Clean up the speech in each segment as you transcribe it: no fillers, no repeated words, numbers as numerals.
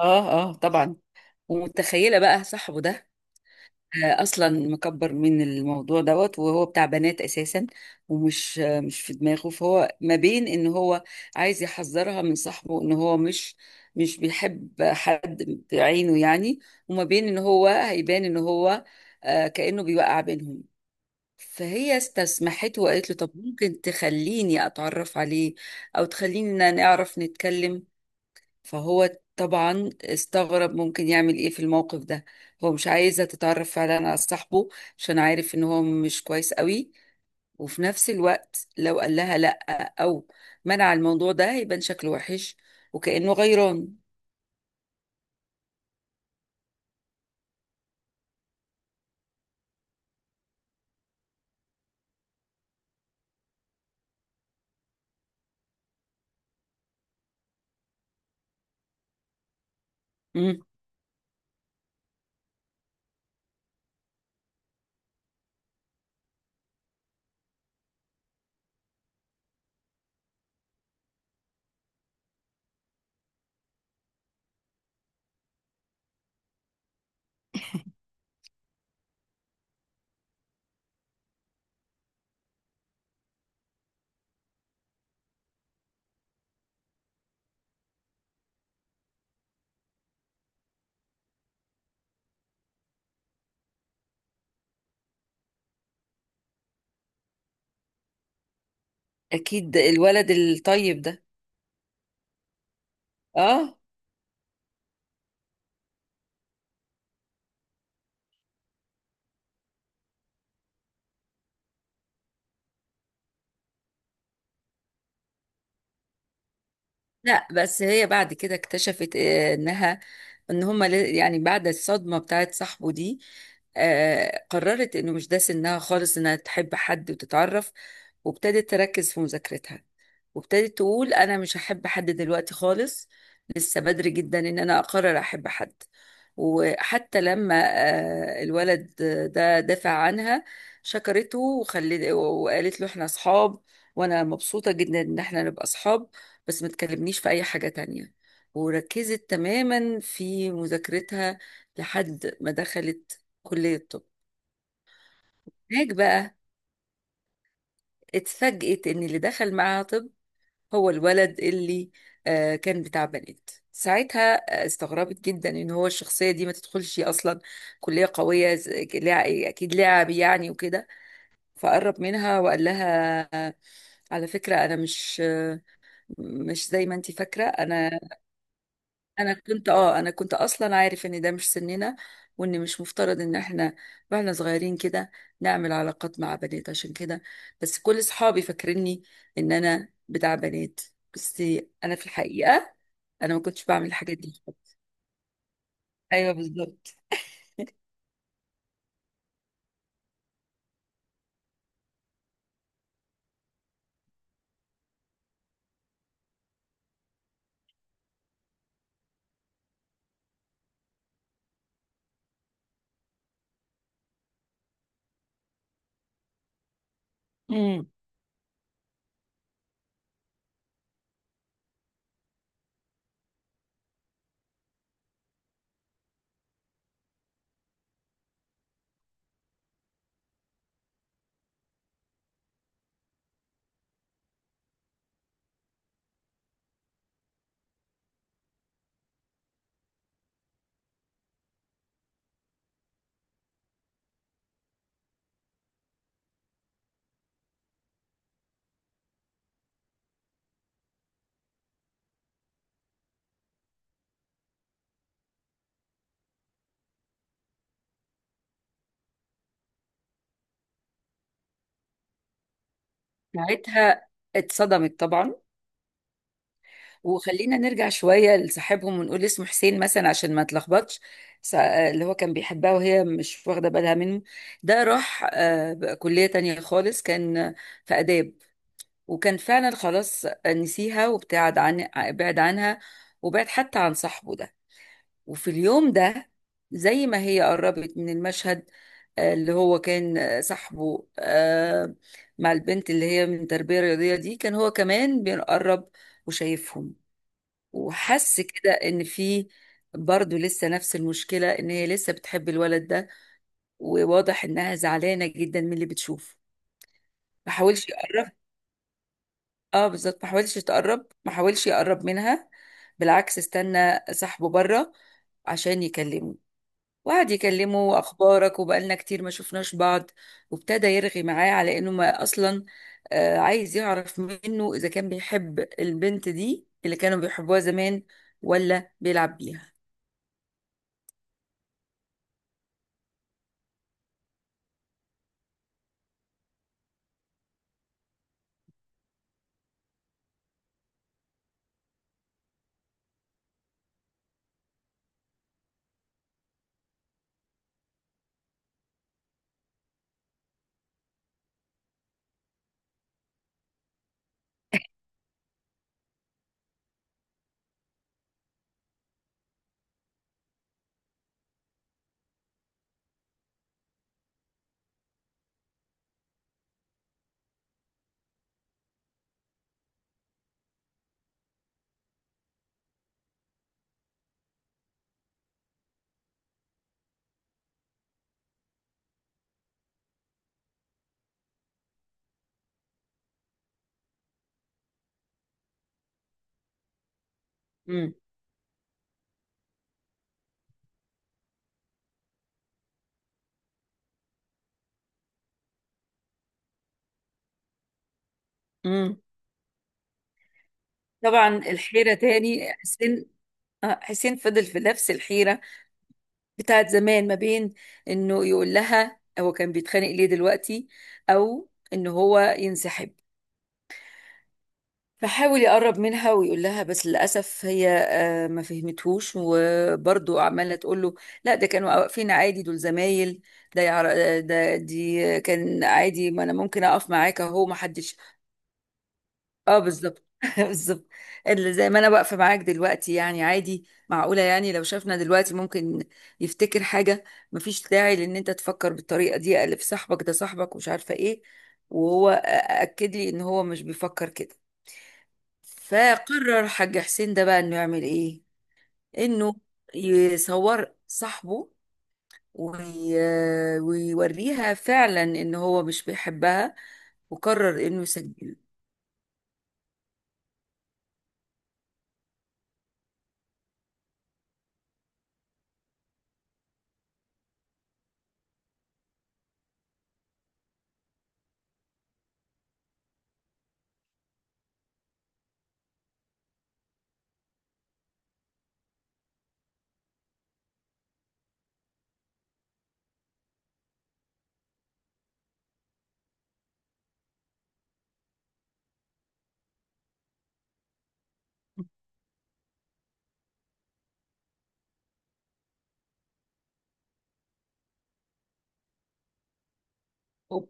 اه. اه طبعا. ومتخيله بقى صاحبه ده. اصلا مكبر من الموضوع دوت وهو بتاع بنات اساسا. ومش مش في دماغه، فهو ما بين ان هو عايز يحذرها من صاحبه ان هو مش بيحب حد بعينه يعني، وما بين ان هو هيبان ان هو كأنه بيوقع بينهم. فهي استسمحته وقالت له طب ممكن تخليني اتعرف عليه او تخلينا نعرف نتكلم. فهو طبعا استغرب ممكن يعمل ايه في الموقف ده. هو مش عايزة تتعرف فعلا على صاحبه عشان عارف ان هو مش كويس قوي، وفي نفس الوقت لو قال لها لا او منع الموضوع ده هيبان شكله وحش وكأنه غيران. مم. اكيد الولد الطيب ده. اه. لا بس هي بعد كده اكتشفت انها ان يعني بعد الصدمة بتاعت صاحبه دي قررت انه مش ده سنها خالص انها تحب حد وتتعرف، وابتدت تركز في مذاكرتها، وابتدت تقول انا مش هحب حد دلوقتي خالص، لسه بدري جدا ان انا اقرر احب حد. وحتى لما الولد ده دافع عنها، شكرته وخلت وقالت له احنا اصحاب وانا مبسوطة جدا ان احنا نبقى اصحاب بس ما تكلمنيش في اي حاجة تانية. وركزت تماما في مذاكرتها لحد ما دخلت كلية الطب. هناك بقى اتفاجئت ان اللي دخل معاها طب هو الولد اللي كان بتاع بنات ساعتها. استغربت جدا ان هو الشخصيه دي ما تدخلش اصلا كليه قويه اكيد لاعب يعني وكده. فقرب منها وقال لها على فكره انا مش مش زي ما انت فاكره، انا كنت اصلا عارف ان ده مش سننا وان مش مفترض ان احنا واحنا صغيرين كده نعمل علاقات مع بنات، عشان كده بس كل اصحابي فاكريني ان انا بتاع بنات بس انا في الحقيقة ما كنتش بعمل الحاجات دي. ايوه بالظبط. امم. ساعتها اتصدمت طبعا. وخلينا نرجع شوية لصاحبهم ونقول اسمه حسين مثلا عشان ما تلخبطش. اللي هو كان بيحبها وهي مش واخدة بالها منه، ده راح بقى كلية تانية خالص، كان في آداب، وكان فعلا خلاص نسيها وابتعد عن عنها، وبعد حتى عن صاحبه ده. وفي اليوم ده زي ما هي قربت من المشهد، اللي هو كان صاحبه مع البنت اللي هي من تربية رياضية دي، كان هو كمان بيقرب وشايفهم. وحس كده ان في برضه لسه نفس المشكلة، ان هي لسه بتحب الولد ده، وواضح انها زعلانة جدا من اللي بتشوفه. ما حاولش يقرب. اه بالظبط، ما حاولش يتقرب ما حاولش يقرب منها، بالعكس استنى صاحبه بره عشان يكلمه. وقعد يكلمه اخبارك وبقالنا كتير ما شفناش بعض، وابتدى يرغي معاه على انه ما اصلا عايز يعرف منه اذا كان بيحب البنت دي اللي كانوا بيحبوها زمان ولا بيلعب بيها. امم. طبعا الحيرة تاني حسين. حسين فضل في نفس الحيرة بتاعت زمان ما بين انه يقول لها هو كان بيتخانق ليه دلوقتي او ان هو ينسحب. فحاول يقرب منها ويقول لها، بس للأسف هي ما فهمتهوش وبرضه عمالة تقول له لا ده كانوا واقفين عادي دول زمايل، ده يعر... آه، ده دي كان عادي ما انا ممكن اقف معاك اهو ما حدش. اه بالظبط بالظبط. اللي زي ما انا واقفه معاك دلوقتي يعني عادي، معقوله يعني لو شافنا دلوقتي ممكن يفتكر حاجه؟ مفيش داعي لان انت تفكر بالطريقه دي، الف صاحبك ده صاحبك ومش عارفه ايه. وهو اكد لي ان هو مش بيفكر كده. فقرر حاج حسين ده بقى انه يعمل ايه. انه يصور صاحبه وي... ويوريها فعلا ان هو مش بيحبها، وقرر انه يسجله. أوب.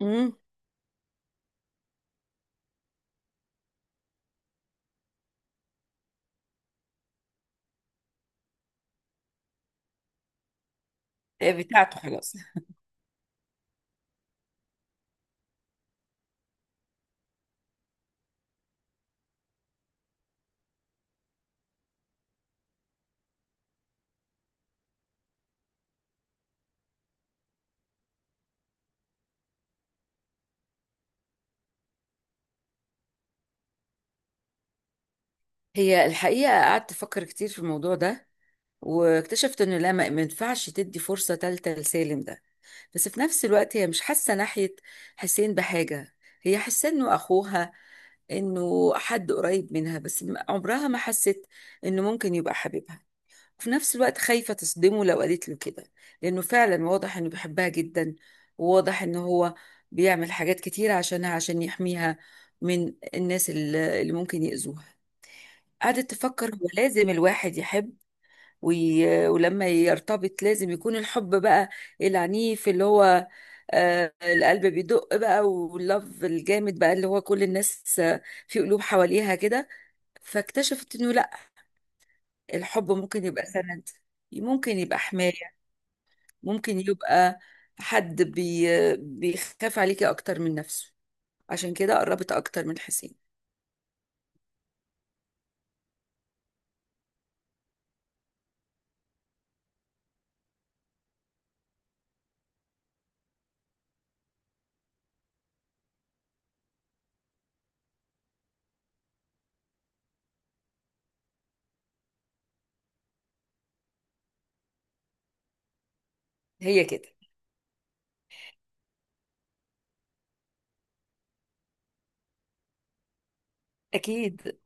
مم. بتاعته خلاص. هي الحقيقة قعدت أفكر كتير في الموضوع ده، واكتشفت إنه لا، ما ينفعش تدي فرصة تالتة لسالم ده. بس في نفس الوقت هي مش حاسة ناحية حسين بحاجة، هي حاسة إنه أخوها، إنه حد قريب منها، بس عمرها ما حست إنه ممكن يبقى حبيبها. وفي نفس الوقت خايفة تصدمه لو قالت له كده، لأنه فعلا واضح إنه بيحبها جدا، وواضح إنه هو بيعمل حاجات كتيرة عشانها عشان يحميها من الناس اللي ممكن يأذوها. قعدت تفكر هو لازم الواحد يحب ولما يرتبط لازم يكون الحب بقى العنيف، اللي هو آه القلب بيدق بقى واللف الجامد بقى، اللي هو كل الناس في قلوب حواليها كده. فاكتشفت انه لا، الحب ممكن يبقى سند، ممكن يبقى حماية، ممكن يبقى حد بي... بيخاف عليكي اكتر من نفسه. عشان كده قربت اكتر من حسين. هي كده. اكيد.